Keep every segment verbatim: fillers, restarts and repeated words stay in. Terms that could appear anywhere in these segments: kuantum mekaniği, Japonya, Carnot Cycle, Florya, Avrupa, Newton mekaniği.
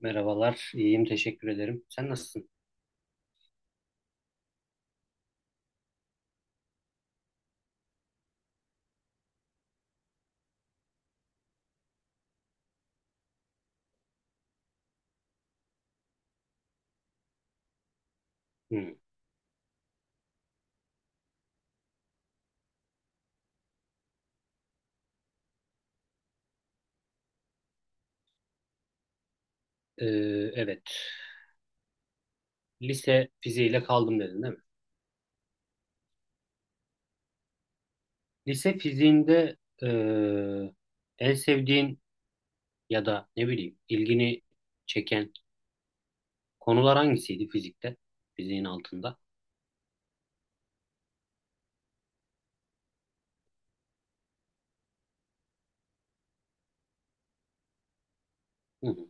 Merhabalar, iyiyim, teşekkür ederim. Sen nasılsın? Hmm, ee, evet, lise fiziğiyle kaldım dedin değil mi? Lise fiziğinde ee, en sevdiğin ya da ne bileyim ilgini çeken konular hangisiydi fizikte? Fiziğin altında. Hı hı,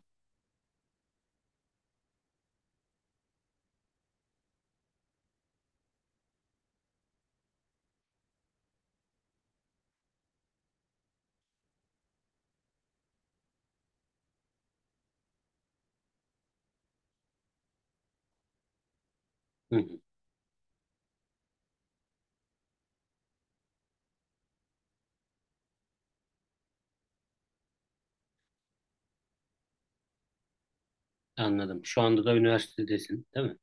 hı hı. Anladım. Şu anda da üniversitedesin, değil mi?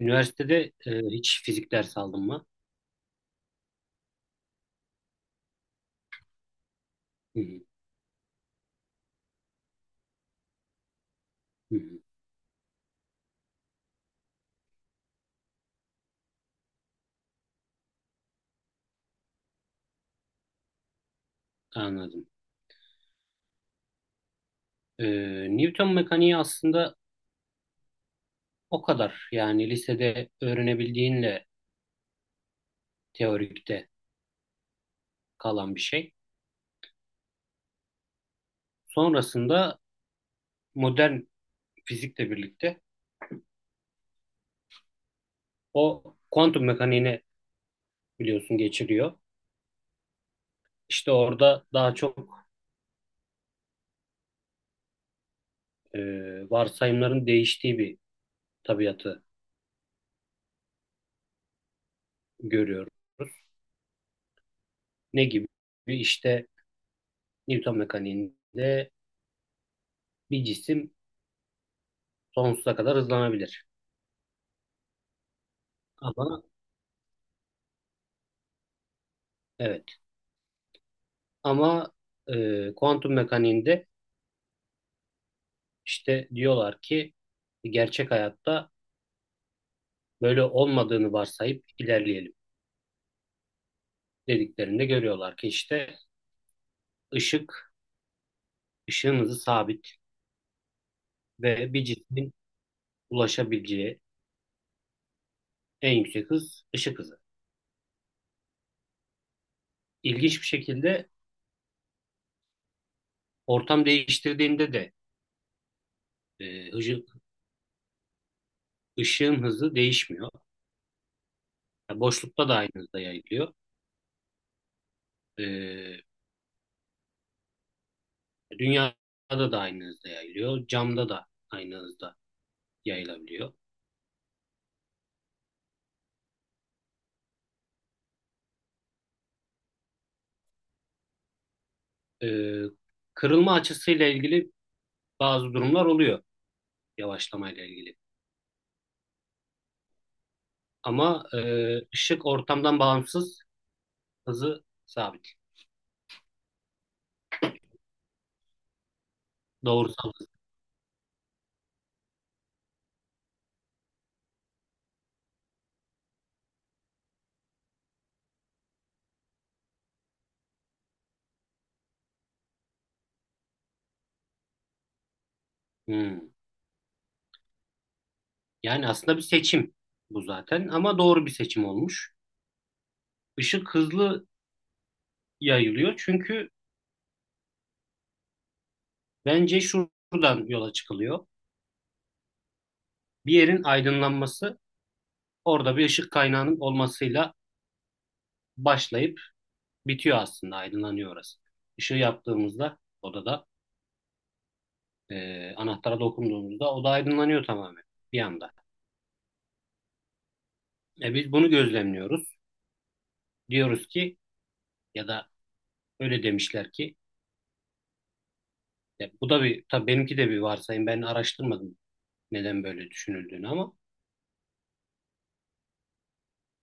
Üniversitede ee, hiç fizik dersi aldın mı? Hı hı, hı hı. Anladım. Ee, Newton mekaniği aslında o kadar. Yani lisede öğrenebildiğinle teorikte kalan bir şey. Sonrasında modern fizikle birlikte o kuantum mekaniğine biliyorsun geçiriyor. İşte orada daha çok e, varsayımların değiştiği bir tabiatı görüyoruz. Ne gibi? İşte Newton mekaniğinde bir cisim sonsuza kadar hızlanabilir. Ama evet ama e, kuantum mekaniğinde işte diyorlar ki gerçek hayatta böyle olmadığını varsayıp ilerleyelim, dediklerinde görüyorlar ki işte ışık, ışığın hızı sabit ve bir cismin ulaşabileceği en yüksek hız ışık hızı. İlginç bir şekilde ortam değiştirdiğinde de e, ışık, ışığın hızı değişmiyor. Yani boşlukta da aynı hızda yayılıyor. E, dünyada da aynı hızda yayılıyor. Camda da aynı hızda yayılabiliyor. E, kırılma açısıyla ilgili bazı durumlar oluyor yavaşlamayla ilgili. Ama e, ışık ortamdan bağımsız hızı sabit. Doğrusal hız. Hmm. Yani aslında bir seçim bu zaten ama doğru bir seçim olmuş. Işık hızlı yayılıyor çünkü bence şuradan yola çıkılıyor. Bir yerin aydınlanması orada bir ışık kaynağının olmasıyla başlayıp bitiyor aslında, aydınlanıyor orası. Işığı yaptığımızda odada, e, anahtara dokunduğumuzda oda aydınlanıyor tamamen bir anda. E, biz bunu gözlemliyoruz. Diyoruz ki, ya da öyle demişler ki. Ya bu da bir, tabii benimki de bir varsayım. Ben araştırmadım neden böyle düşünüldüğünü ama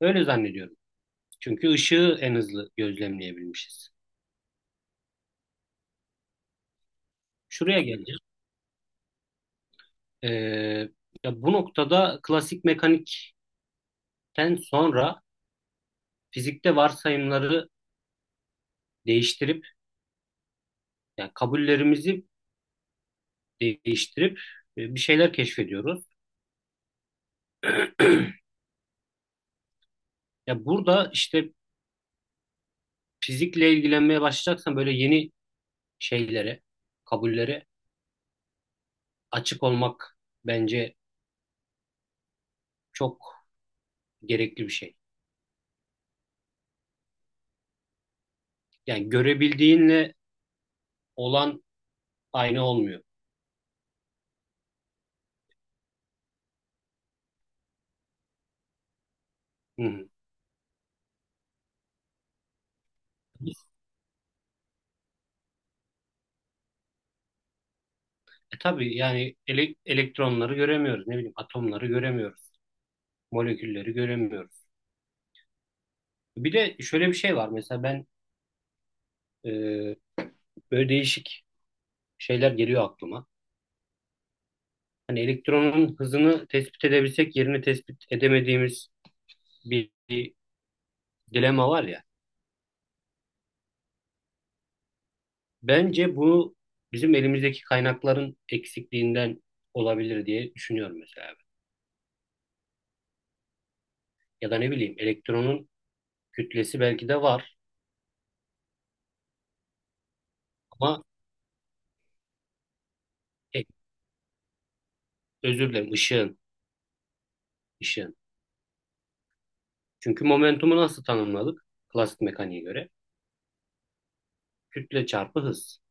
öyle zannediyorum. Çünkü ışığı en hızlı gözlemleyebilmişiz. Şuraya geleceğim. Ee, ya bu noktada klasik mekanikten sonra fizikte varsayımları değiştirip, yani kabullerimizi değiştirip e, bir şeyler keşfediyoruz. Ya burada işte fizikle ilgilenmeye başlayacaksan böyle yeni şeylere, kabullere açık olmak bence çok gerekli bir şey. Yani görebildiğinle olan aynı olmuyor. Hı hı. E tabii yani ele- elektronları göremiyoruz. Ne bileyim, atomları göremiyoruz. Molekülleri göremiyoruz. Bir de şöyle bir şey var. Mesela ben e, böyle değişik şeyler geliyor aklıma. Hani elektronun hızını tespit edebilsek yerini tespit edemediğimiz bir, bir dilema var ya. Bence bu bizim elimizdeki kaynakların eksikliğinden olabilir diye düşünüyorum, mesela ben. Ya da ne bileyim, elektronun kütlesi belki de var ama E, özür dilerim, ışığın, ışığın. Çünkü momentumu nasıl tanımladık? Klasik mekaniğe göre. Kütle çarpı hız.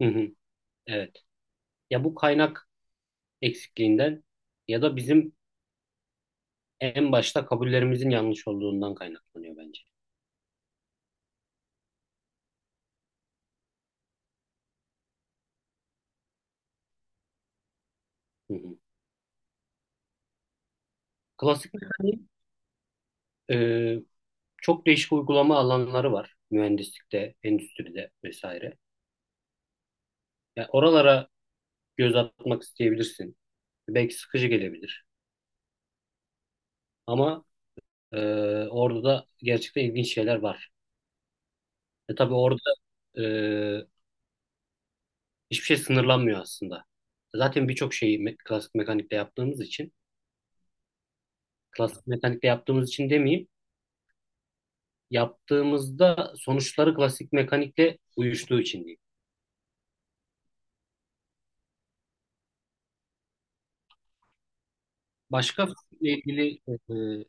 Hı hı, evet. Ya bu kaynak eksikliğinden ya da bizim en başta kabullerimizin yanlış olduğundan kaynaklanıyor bence. Hı hı. Klasik mekanik, e, çok değişik uygulama alanları var. Mühendislikte, endüstride vesaire. Ya oralara göz atmak isteyebilirsin. Belki sıkıcı gelebilir. Ama e, orada da gerçekten ilginç şeyler var. E tabii orada e, hiçbir şey sınırlanmıyor aslında. Zaten birçok şeyi me- klasik mekanikte yaptığımız için, klasik mekanikte yaptığımız için demeyeyim, yaptığımızda sonuçları klasik mekanikle uyuştuğu için diyeyim. Başka fizikle ilgili e, e,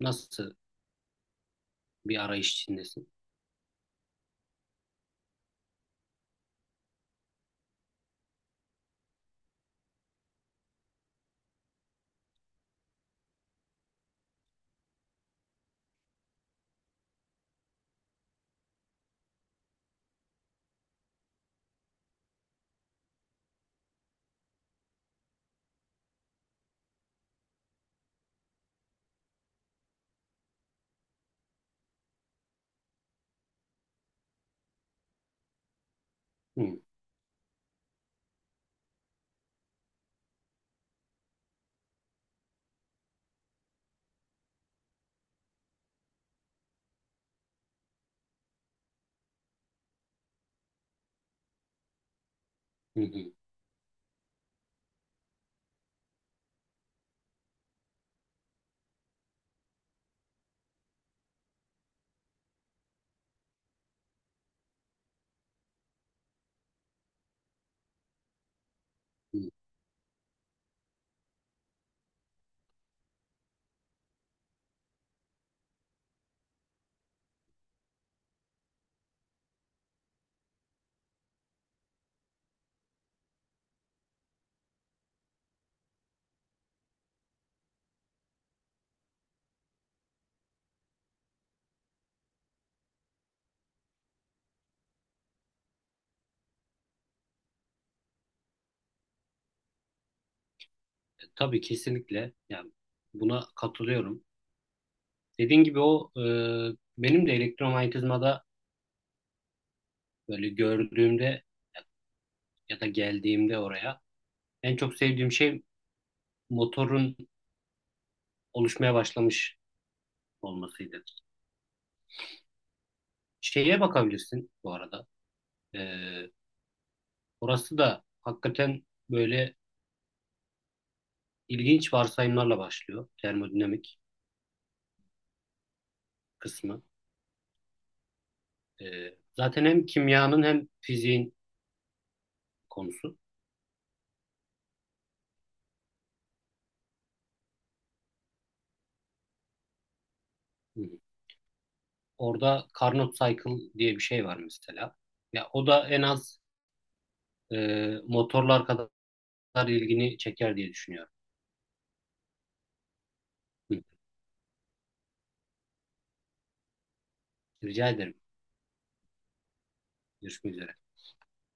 nasıl bir arayış içindesin? Hı, hı, hı, hı. E, tabii kesinlikle, yani buna katılıyorum. Dediğin gibi o, e, benim de elektromanyetizmada böyle gördüğümde ya da geldiğimde oraya en çok sevdiğim şey motorun oluşmaya başlamış olmasıydı. Şeye bakabilirsin bu arada. Ee, orası da hakikaten böyle ilginç varsayımlarla başlıyor. Termodinamik kısmı. Ee, zaten hem kimyanın hem fiziğin konusu. Hı. Orada Carnot Cycle diye bir şey var mesela. Ya o da en az e, motorlar kadar ilgini çeker diye düşünüyorum. Hı. Rica ederim. Görüşmek üzere.